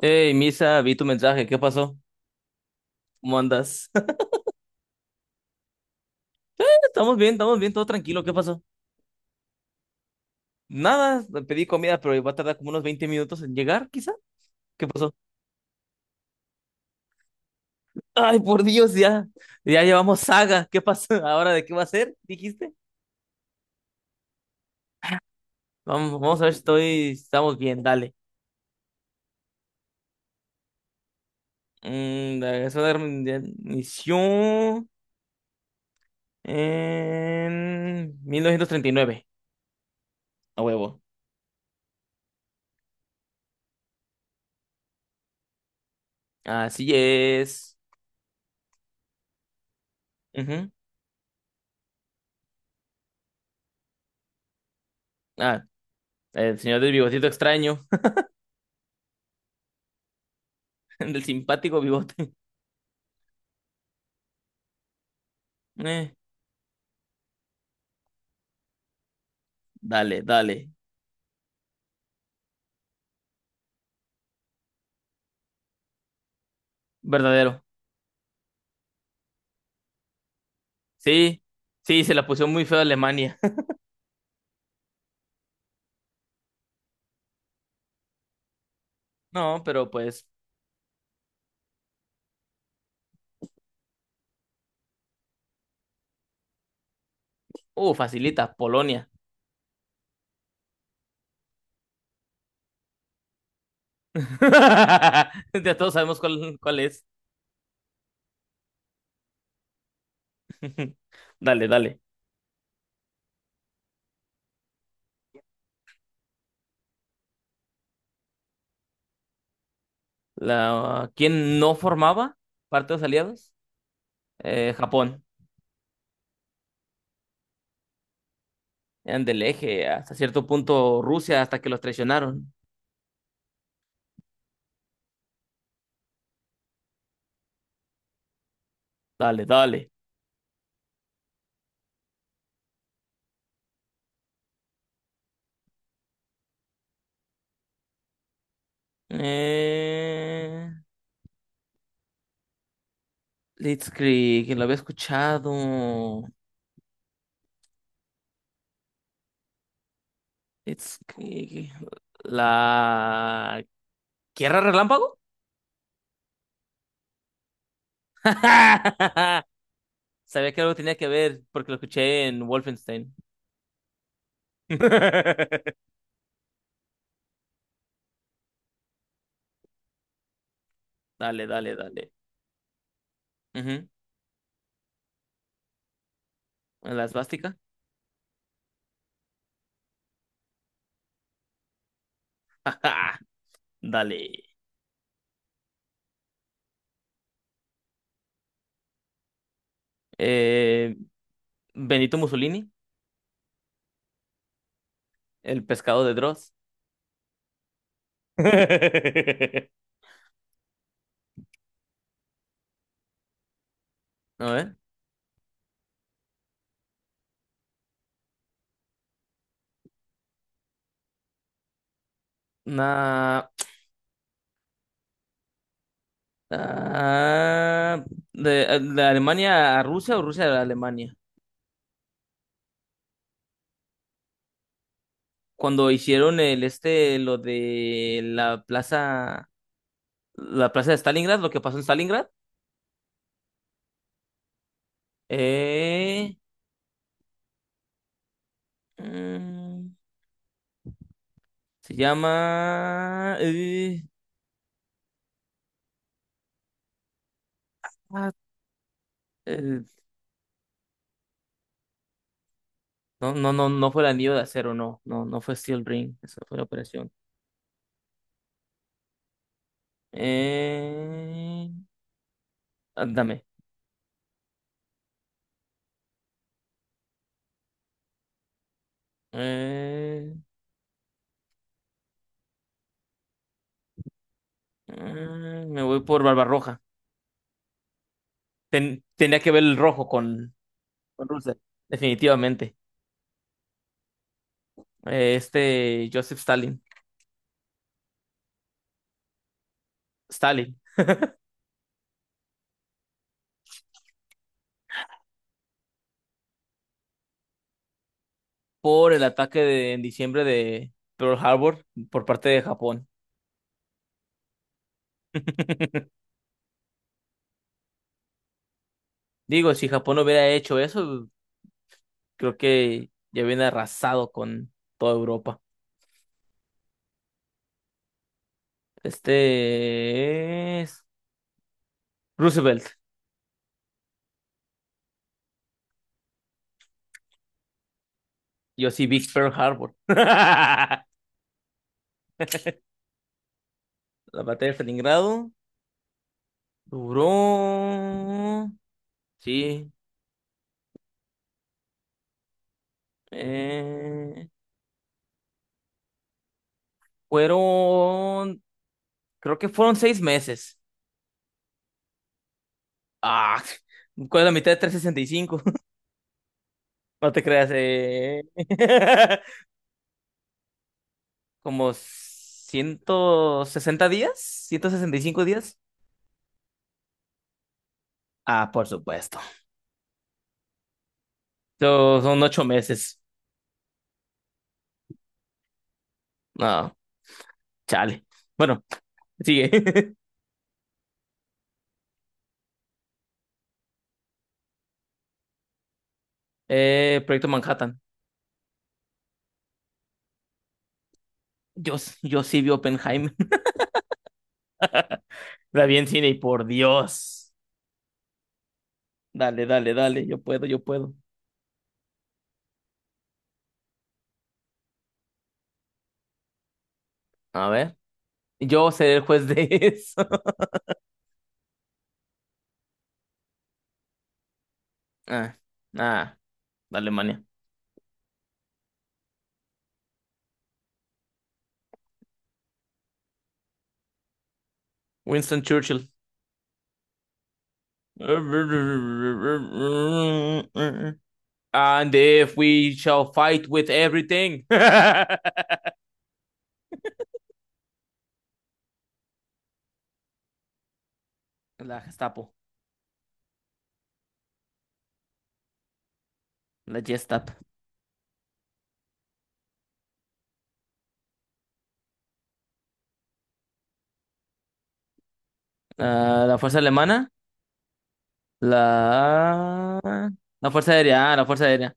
Hey, Misa, vi tu mensaje, ¿qué pasó? ¿Cómo andas? Estamos bien, todo tranquilo, ¿qué pasó? Nada, pedí comida, pero va a tardar como unos 20 minutos en llegar, quizá. ¿Qué pasó? Ay, por Dios, ya, ya llevamos saga, ¿qué pasó? ¿Ahora de qué va a ser? ¿Dijiste? Vamos, vamos a ver si estoy, estamos bien, dale. La Segunda Guerra Mundial inició en 1939 a huevo. Así es. Ujú. Ah, el señor del bigotito extraño, del simpático bigote. Eh, Dale, dale. Verdadero. Sí, sí, se la puso muy feo a Alemania. No, pero pues, facilita, Polonia. Ya todos sabemos cuál es. Dale, dale. ¿Quién no formaba parte de los aliados? Japón. Eran del eje, hasta cierto punto Rusia, hasta que los traicionaron. Dale, dale. Eh, Blitzkrieg, lo había escuchado. Blitzkrieg. La ¿Tierra Relámpago? Sabía que algo tenía que ver porque lo escuché en Wolfenstein. Dale, dale, dale. Ujú. La esvástica. Ajá. Dale. Eh, Benito Mussolini, el pescado de Dross. A ver. Na- ah, de, de Alemania a Rusia o Rusia a Alemania. Cuando hicieron el este, lo de la plaza de Stalingrad, lo que pasó en Stalingrad. Eh, mm, Se llama. Ah, eh, no, no, no, no fue el anillo de acero, no. No, no fue Steel Ring. Esa fue la operación. Eh, Ándame. Eh, Me voy por Barbarroja. Tenía que ver el rojo con Rusia, definitivamente. Joseph Stalin. Stalin. Por el ataque de, en diciembre de Pearl Harbor por parte de Japón. Digo, si Japón hubiera hecho eso. Creo que ya viene arrasado con toda Europa. Este es Roosevelt. Yo sí, Big Pearl Harbor. La batalla de Stalingrado duró. Sí. eh, Fueron. Creo que fueron 6 meses. Ah, ¿cuál es la mitad de 365? No te creas. Como 160 días, 165 días. Ah, por supuesto. So, son 8 meses. No, chale. Bueno, sigue. Proyecto Manhattan. Yo, yo sí vi Oppenheimer. La vi en cine y por Dios. Dale, dale, dale. Yo puedo, yo puedo. A ver. Yo seré el juez de eso. Ah, ah, Alemania. Winston Churchill. And if we shall fight with everything. La Gestapo. La Gestapo. Ah, la fuerza alemana. La... La Fuerza Aérea, la Fuerza Aérea.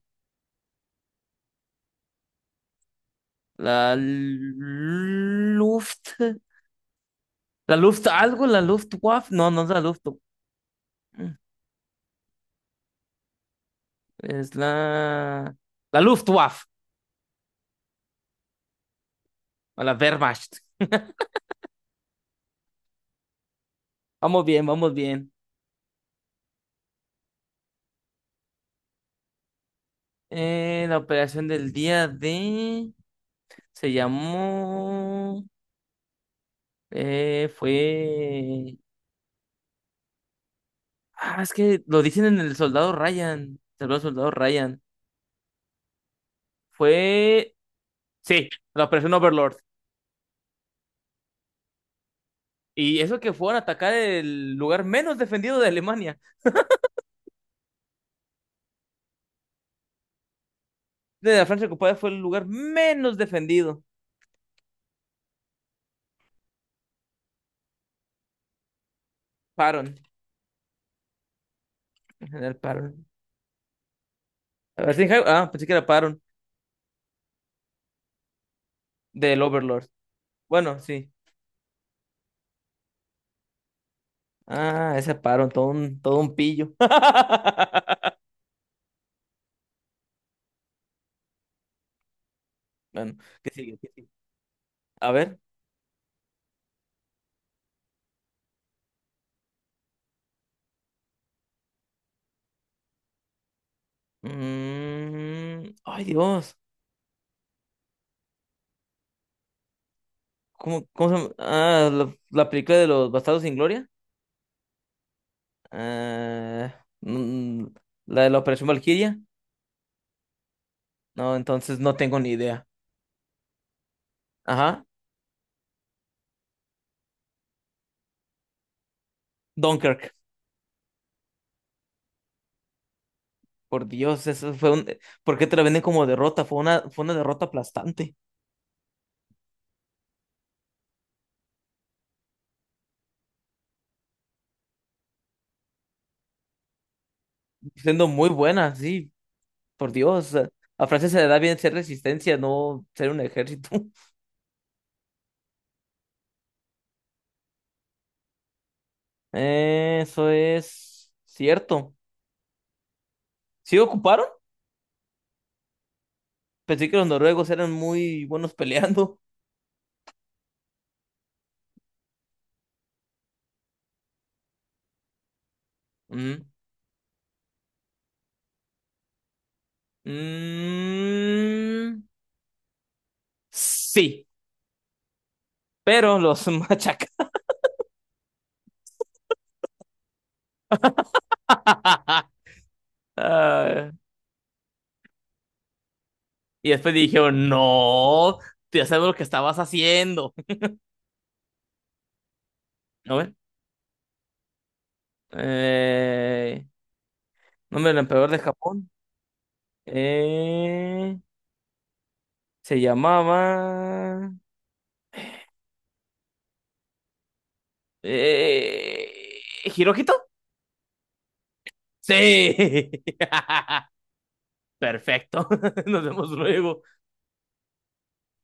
La Luft... La Luft algo, la Luftwaffe. No, no es la Luft. Es la... La Luftwaffe. O la Wehrmacht. Vamos bien, vamos bien. La operación del día de... Se llamó... Fue... Ah, es que lo dicen en el Soldado Ryan. El Soldado Ryan. Fue... Sí, la operación Overlord. Y eso que fueron a atacar el lugar menos defendido de Alemania. De la Francia ocupada fue el lugar menos defendido. Paron. En general, Paron. A ver si- Ah, pensé que era Paron. Del Overlord. Bueno, sí. Ah, ese Paron, todo un pillo. Bueno, ¿qué sigue? ¿Qué sigue? A ver. Ay, Dios. ¿Cómo se llama? Ah, la película de los Bastardos sin Gloria. Ah, la de la Operación Valquiria. No, entonces no tengo ni idea. Ajá. Dunkirk, por Dios. ¿Por qué te la venden como derrota? Fue una derrota aplastante, siendo muy buena, sí, por Dios. A Francia se le da bien ser resistencia, no ser un ejército. Eso es cierto. ¿Sí ocuparon? Pensé que los noruegos eran muy buenos peleando. Mm. Mm, sí, pero los machaca. Ah, y después dijeron, no, ya sabemos lo que estabas haciendo. A ver. Eh, Nombre del emperador de Japón. Eh, Se llamaba. Eh, ¿Hirohito? Sí. Perfecto. Nos vemos luego.